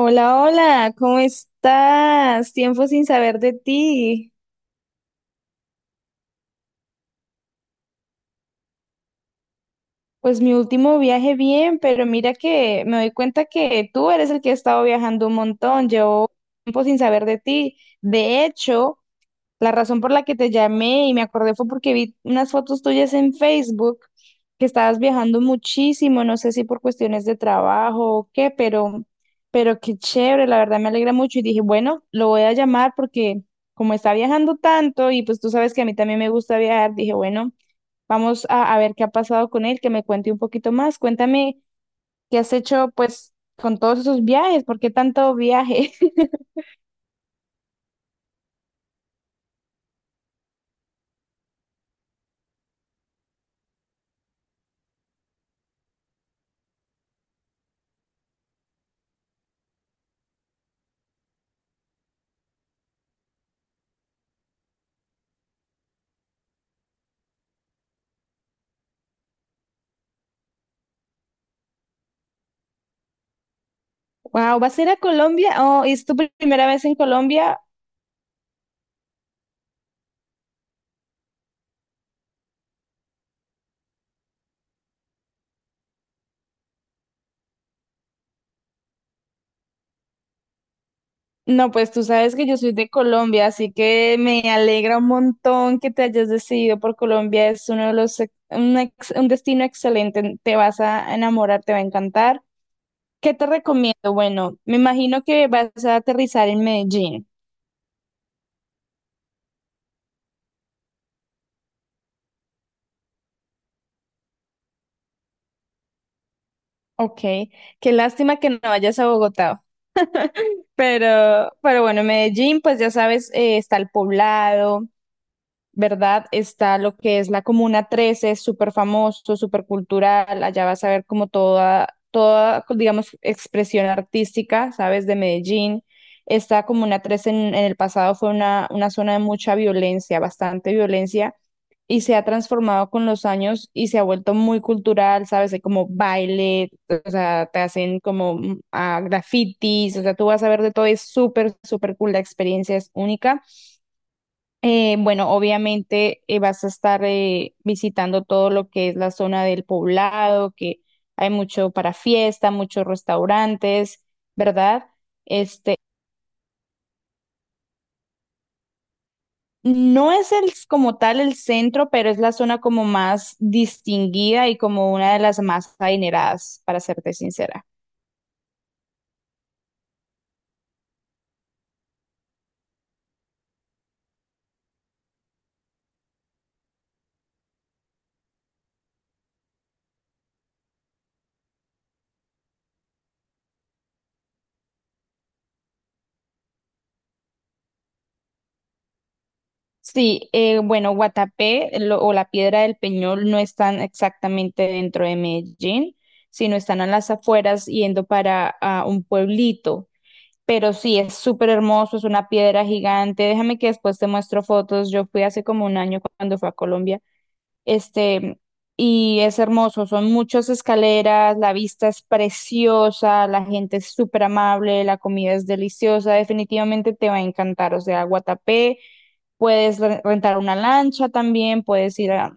Hola, hola, ¿cómo estás? Tiempo sin saber de ti. Pues mi último viaje bien, pero mira que me doy cuenta que tú eres el que ha estado viajando un montón. Llevo tiempo sin saber de ti. De hecho, la razón por la que te llamé y me acordé fue porque vi unas fotos tuyas en Facebook que estabas viajando muchísimo, no sé si por cuestiones de trabajo o qué, pero qué chévere, la verdad me alegra mucho y dije, bueno, lo voy a llamar porque como está viajando tanto y pues tú sabes que a mí también me gusta viajar, dije, bueno, vamos a ver qué ha pasado con él, que me cuente un poquito más. Cuéntame qué has hecho pues con todos esos viajes, ¿por qué tanto viaje? Wow, ¿vas a ir a Colombia? Oh, ¿es tu primera vez en Colombia? No, pues tú sabes que yo soy de Colombia, así que me alegra un montón que te hayas decidido por Colombia. Es uno de los, un destino excelente. Te vas a enamorar, te va a encantar. ¿Qué te recomiendo? Bueno, me imagino que vas a aterrizar en Medellín. Ok, qué lástima que no vayas a Bogotá. Pero bueno, en Medellín, pues ya sabes, está el Poblado. ¿Verdad? Está lo que es la Comuna 13, súper famoso, súper cultural. Allá vas a ver como toda, toda, digamos, expresión artística, ¿sabes? De Medellín. Esta Comuna 13 en el pasado fue una zona de mucha violencia, bastante violencia, y se ha transformado con los años y se ha vuelto muy cultural, ¿sabes? Hay como baile, o sea, te hacen como grafitis, o sea, tú vas a ver de todo, es súper, súper cool, la experiencia es única. Bueno, obviamente vas a estar visitando todo lo que es la zona del poblado, que hay mucho para fiesta, muchos restaurantes, ¿verdad? Este, no es el, como tal el centro, pero es la zona como más distinguida y como una de las más adineradas, para serte sincera. Sí, bueno, Guatapé o la Piedra del Peñol no están exactamente dentro de Medellín, sino están a las afueras yendo para un pueblito. Pero sí, es súper hermoso, es una piedra gigante. Déjame que después te muestro fotos. Yo fui hace como un año cuando fui a Colombia. Este, y es hermoso, son muchas escaleras, la vista es preciosa, la gente es súper amable, la comida es deliciosa. Definitivamente te va a encantar. O sea, Guatapé, puedes rentar una lancha también, puedes ir a,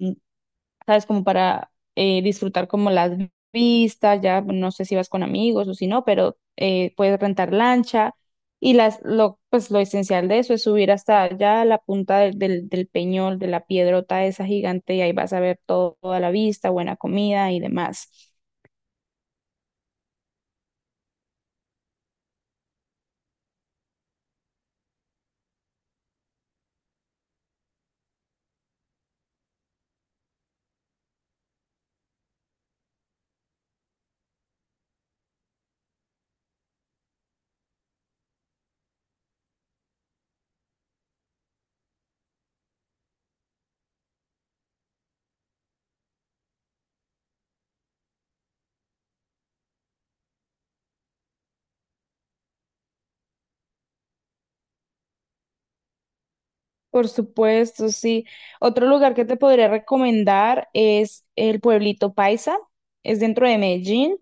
¿sabes? Como para disfrutar como las vistas, ya bueno, no sé si vas con amigos o si no, pero puedes rentar lancha y las, lo, pues lo esencial de eso es subir hasta allá la punta del peñol, de la piedrota esa gigante y ahí vas a ver toda la vista, buena comida y demás. Por supuesto, sí. Otro lugar que te podría recomendar es el pueblito Paisa, es dentro de Medellín.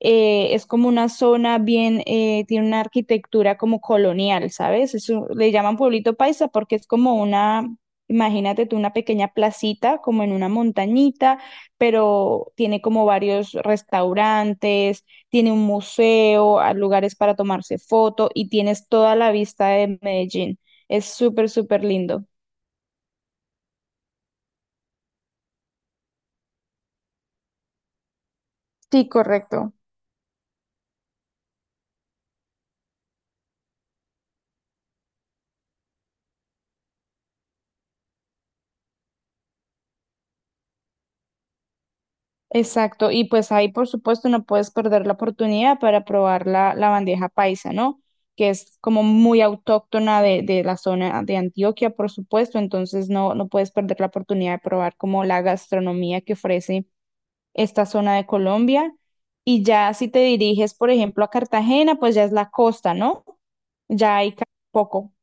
Es como una zona bien, tiene una arquitectura como colonial, ¿sabes? Le llaman pueblito paisa porque es como una, imagínate tú, una pequeña placita como en una montañita, pero tiene como varios restaurantes, tiene un museo, hay lugares para tomarse foto y tienes toda la vista de Medellín. Es súper, súper lindo. Sí, correcto. Exacto, y pues ahí por supuesto no puedes perder la oportunidad para probar la, la bandeja paisa, ¿no? Que es como muy autóctona de la zona de Antioquia, por supuesto, entonces no, no puedes perder la oportunidad de probar como la gastronomía que ofrece esta zona de Colombia. Y ya si te diriges, por ejemplo, a Cartagena, pues ya es la costa, ¿no? Ya hay ca- poco.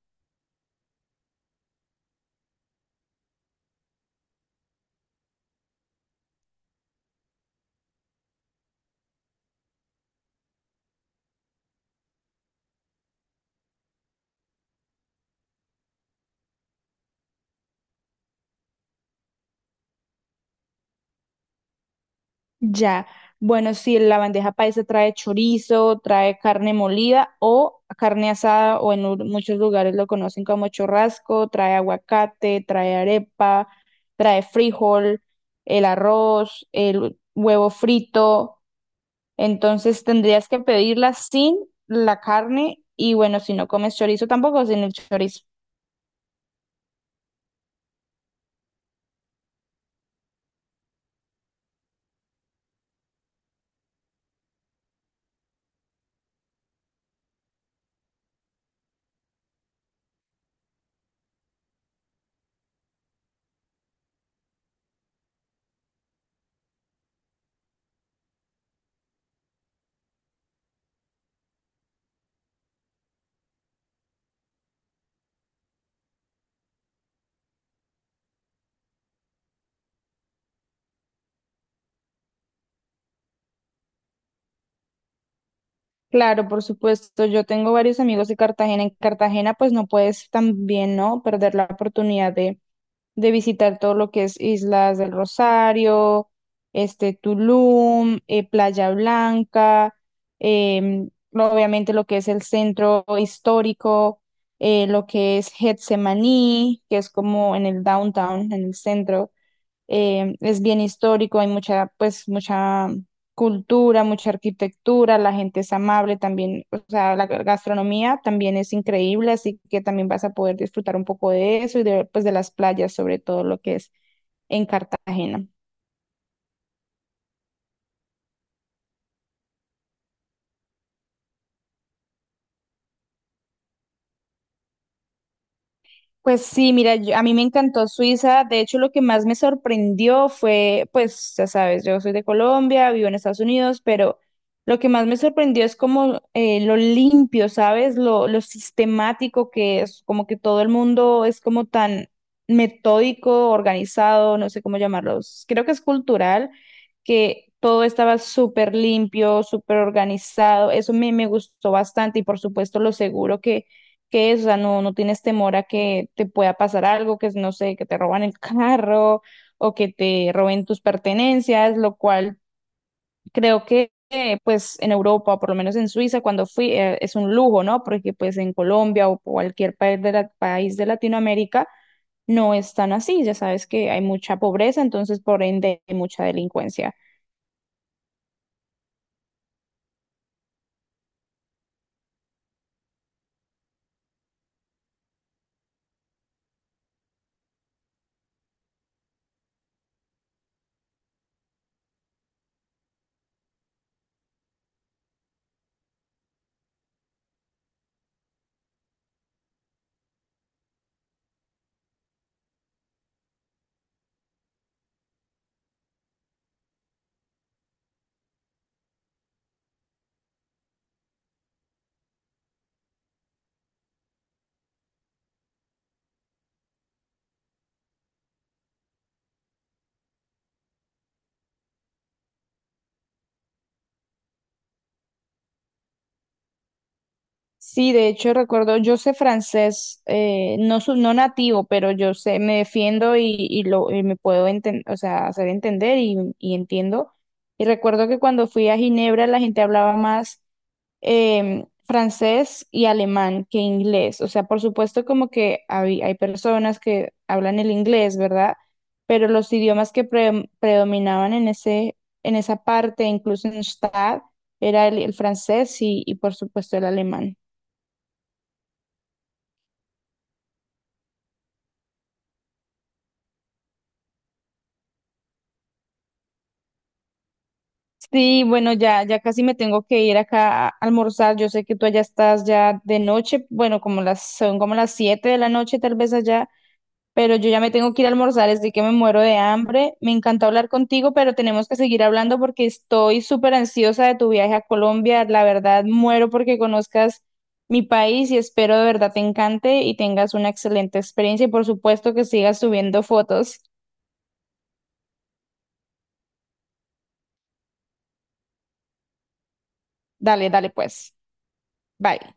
Ya, bueno, si la bandeja paisa trae chorizo, trae carne molida o carne asada, o muchos lugares lo conocen como churrasco, trae aguacate, trae arepa, trae frijol, el arroz, el huevo frito. Entonces tendrías que pedirla sin la carne y bueno, si no comes chorizo tampoco sin el chorizo. Claro, por supuesto, yo tengo varios amigos de Cartagena. En Cartagena pues no puedes también, ¿no? Perder la oportunidad de visitar todo lo que es Islas del Rosario, este Tulum, Playa Blanca, obviamente lo que es el centro histórico, lo que es Getsemaní, que es como en el downtown, en el centro, es bien histórico, hay mucha, pues, mucha cultura, mucha arquitectura, la gente es amable también, o sea, la gastronomía también es increíble, así que también vas a poder disfrutar un poco de eso y de, pues, de las playas, sobre todo lo que es en Cartagena. Pues sí, mira, a mí me encantó Suiza. De hecho, lo que más me sorprendió fue, pues, ya sabes, yo soy de Colombia, vivo en Estados Unidos, pero lo que más me sorprendió es como lo limpio, ¿sabes? Lo sistemático que es, como que todo el mundo es como tan metódico, organizado, no sé cómo llamarlos. Creo que es cultural, que todo estaba súper limpio, súper organizado. Eso me, me gustó bastante y por supuesto lo seguro que es, o sea, no, no tienes temor a que te pueda pasar algo, que es, no sé, que te roban el carro o que te roben tus pertenencias, lo cual creo que pues en Europa, o por lo menos en Suiza, cuando fui, es un lujo, ¿no? Porque pues en Colombia o cualquier país de país de Latinoamérica no es tan así, ya sabes que hay mucha pobreza, entonces por ende hay mucha delincuencia. Sí, de hecho recuerdo, yo sé francés, no, no nativo, pero yo sé, me defiendo y lo, y me o sea, hacer entender y entiendo. Y recuerdo que cuando fui a Ginebra la gente hablaba más francés y alemán que inglés. O sea, por supuesto como que hay personas que hablan el inglés, ¿verdad? Pero los idiomas que predominaban en ese, en esa parte, incluso en Stade, era el francés y por supuesto el alemán. Sí, bueno, ya, ya casi me tengo que ir acá a almorzar. Yo sé que tú allá estás ya de noche, bueno, son como las 7 de la noche tal vez allá, pero yo ya me tengo que ir a almorzar, así que me muero de hambre. Me encantó hablar contigo, pero tenemos que seguir hablando porque estoy súper ansiosa de tu viaje a Colombia. La verdad, muero porque conozcas mi país y espero de verdad te encante y tengas una excelente experiencia y por supuesto que sigas subiendo fotos. Dale, dale pues. Bye.